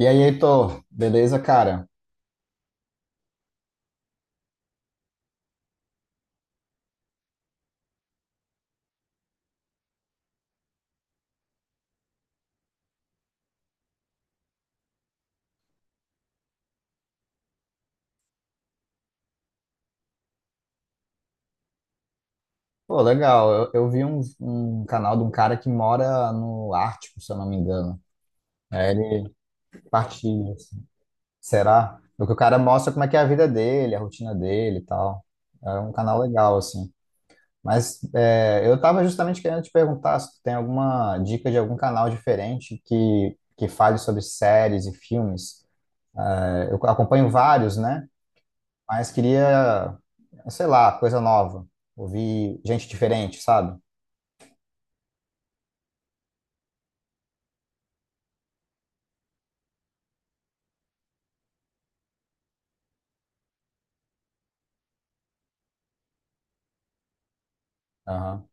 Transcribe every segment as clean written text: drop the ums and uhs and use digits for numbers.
E aí, Heitor, beleza, cara? Pô, legal. Eu vi um canal de um cara que mora no Ártico, se eu não me engano. É, ele partilha, assim. Será? Porque o cara mostra como é que é a vida dele, a rotina dele e tal. É um canal legal, assim. Mas é, eu tava justamente querendo te perguntar se tu tem alguma dica de algum canal diferente que fale sobre séries e filmes. É, eu acompanho vários, né? Mas queria, sei lá, coisa nova. Ouvir gente diferente, sabe? Aham.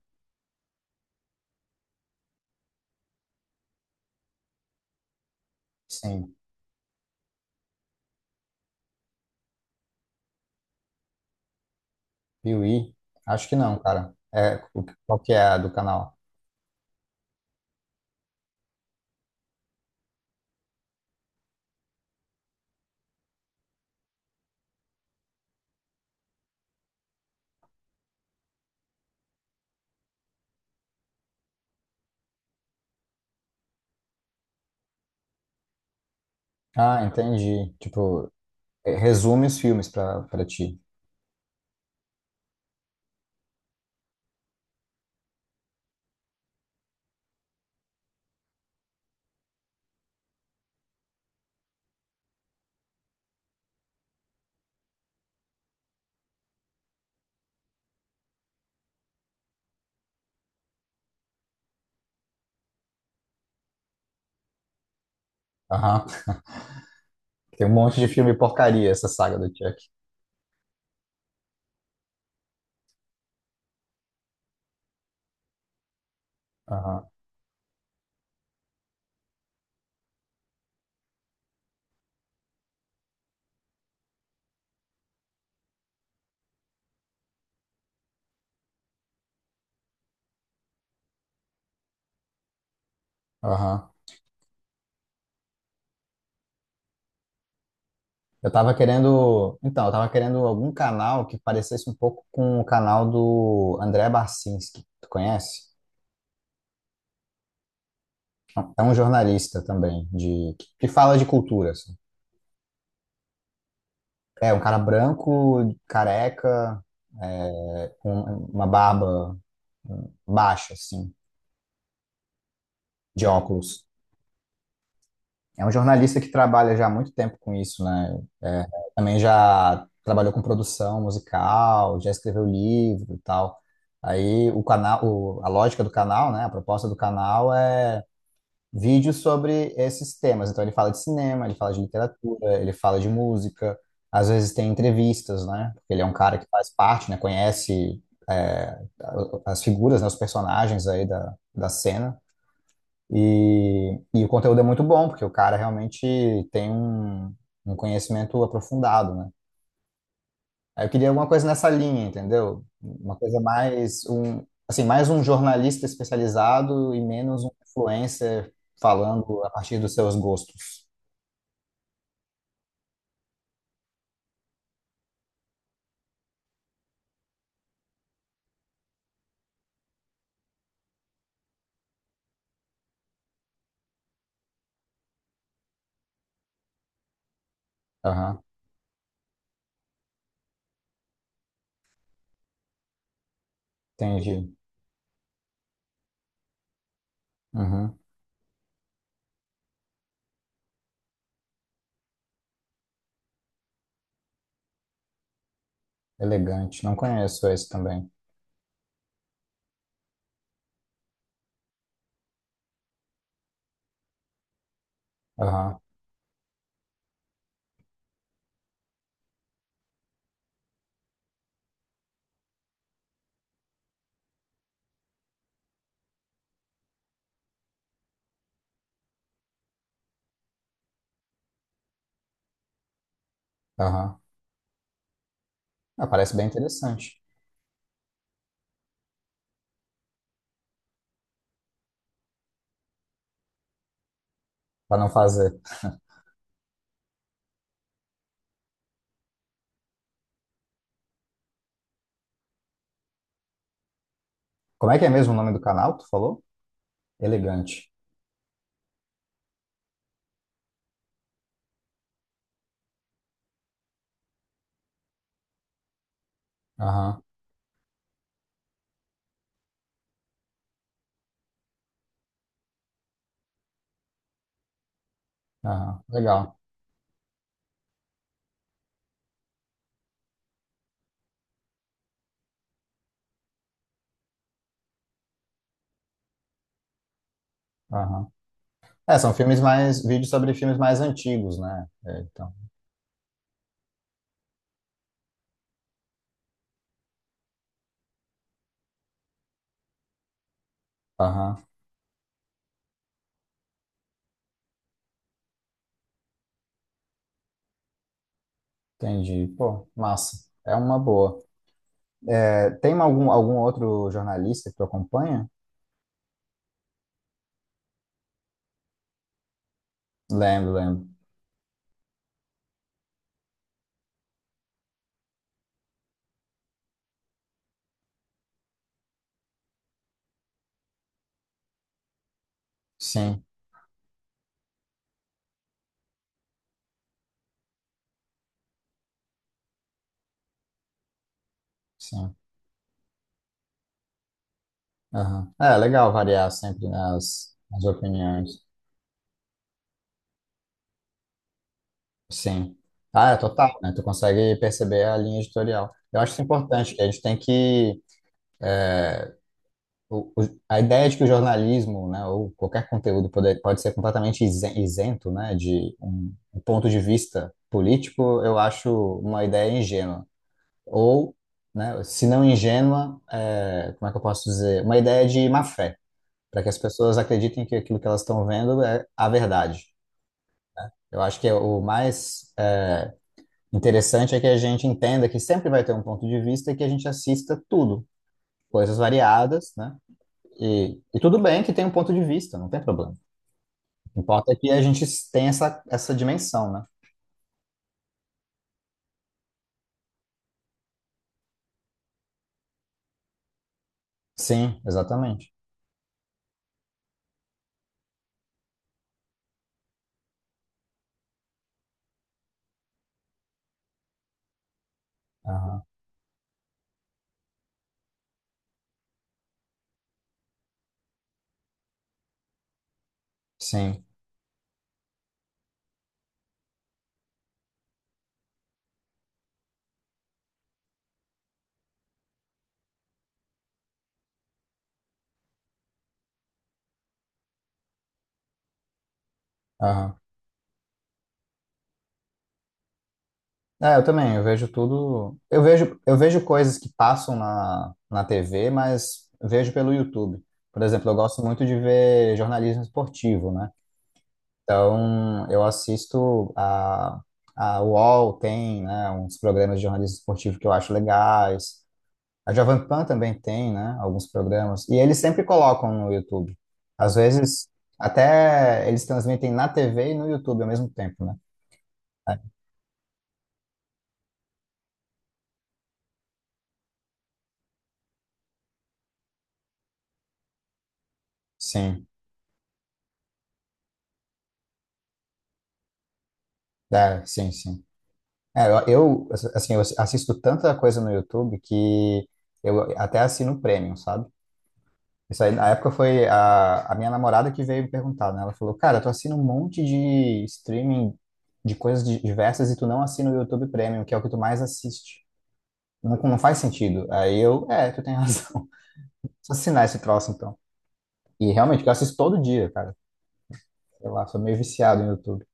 Sim. Piuí? Acho que não, cara. Qual que é a do canal? Ah, entendi. Tipo, é, resume os filmes pra, pra ti. Aham. Tem um monte de filme porcaria essa saga do Chuck. Aham, aham. Eu tava querendo. Então, eu tava querendo algum canal que parecesse um pouco com o canal do André Barcinski. Tu conhece? É um jornalista também, que fala de cultura, assim. É, um cara branco, careca, é, com uma barba baixa assim, de óculos. É um jornalista que trabalha já há muito tempo com isso, né? É, também já trabalhou com produção musical, já escreveu livro e tal. Aí o canal, a lógica do canal, né? A proposta do canal é vídeos sobre esses temas. Então ele fala de cinema, ele fala de literatura, ele fala de música. Às vezes tem entrevistas, né? Porque ele é um cara que faz parte, né? Conhece é, as figuras, né? Os personagens aí da cena. E o conteúdo é muito bom, porque o cara realmente tem um conhecimento aprofundado, né? Aí eu queria alguma coisa nessa linha, entendeu? Uma coisa mais um, assim, mais um jornalista especializado e menos um influencer falando a partir dos seus gostos. Aham, entendi. Uhum, elegante. Não conheço esse também. Aham, aham. Ah, parece bem interessante. Para não fazer. Como é que é mesmo o nome do canal? Que tu falou? Elegante. Aham, aham. Legal. Aham. É, são filmes mais, vídeos sobre filmes mais antigos, né? É, então, aham, entendi. Pô, massa. É uma boa. É, tem algum, algum outro jornalista que tu acompanha? Lembro, lembro. Sim, sim. Aham. É legal variar sempre nas, nas opiniões. Sim. Ah, é total, né? Tu consegue perceber a linha editorial. Eu acho isso importante, que a gente tem que o- o- a ideia de que o jornalismo, né, ou qualquer conteúdo pode ser completamente isento, né, de um ponto de vista político, eu acho uma ideia ingênua. Ou, né, se não ingênua, é, como é que eu posso dizer? Uma ideia de má fé, para que as pessoas acreditem que aquilo que elas estão vendo é a verdade. Eu acho que é o mais é, interessante é que a gente entenda que sempre vai ter um ponto de vista e que a gente assista tudo, coisas variadas, né? E tudo bem que tem um ponto de vista, não tem problema. Importa é que a gente tenha essa, essa dimensão, né? Sim, exatamente. Aham. Sim. Aham. É, eu também, eu vejo tudo. Eu vejo coisas que passam na, na TV, mas vejo pelo YouTube. Por exemplo, eu gosto muito de ver jornalismo esportivo, né? Então, eu assisto a UOL, tem, né, uns programas de jornalismo esportivo que eu acho legais. A Jovem Pan também tem, né, alguns programas. E eles sempre colocam no YouTube. Às vezes, até eles transmitem na TV e no YouTube ao mesmo tempo, né? Sim, é, sim, sim. É, assim, eu assisto tanta coisa no YouTube que eu até assino o Premium, sabe? Isso aí, na época foi a minha namorada que veio me perguntar, né? Ela falou, cara, tu assina um monte de streaming de coisas diversas e tu não assina o YouTube Premium, que é o que tu mais assiste. Não, não faz sentido. Aí eu, é, tu tem razão. Preciso assinar esse troço, então. E realmente, eu assisto todo dia, cara. Sei lá, sou meio viciado no YouTube.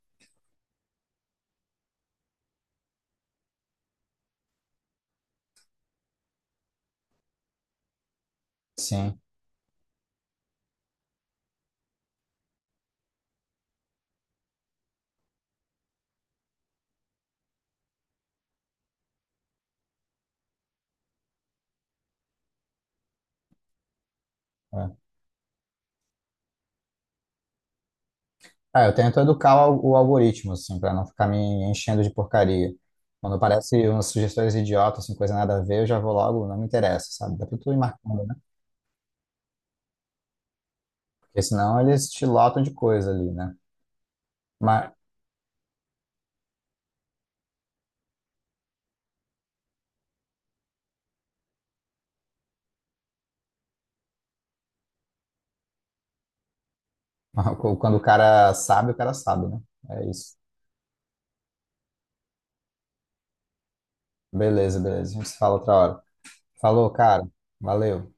Sim, é. Ah, eu tento educar o algoritmo, assim, pra não ficar me enchendo de porcaria. Quando aparece umas sugestões idiotas, assim, coisa nada a ver, eu já vou logo, não me interessa, sabe? Dá pra tu ir marcando, né? Porque senão eles te lotam de coisa ali, né? Mas quando o cara sabe, né? É isso. Beleza, beleza. A gente se fala outra hora. Falou, cara. Valeu.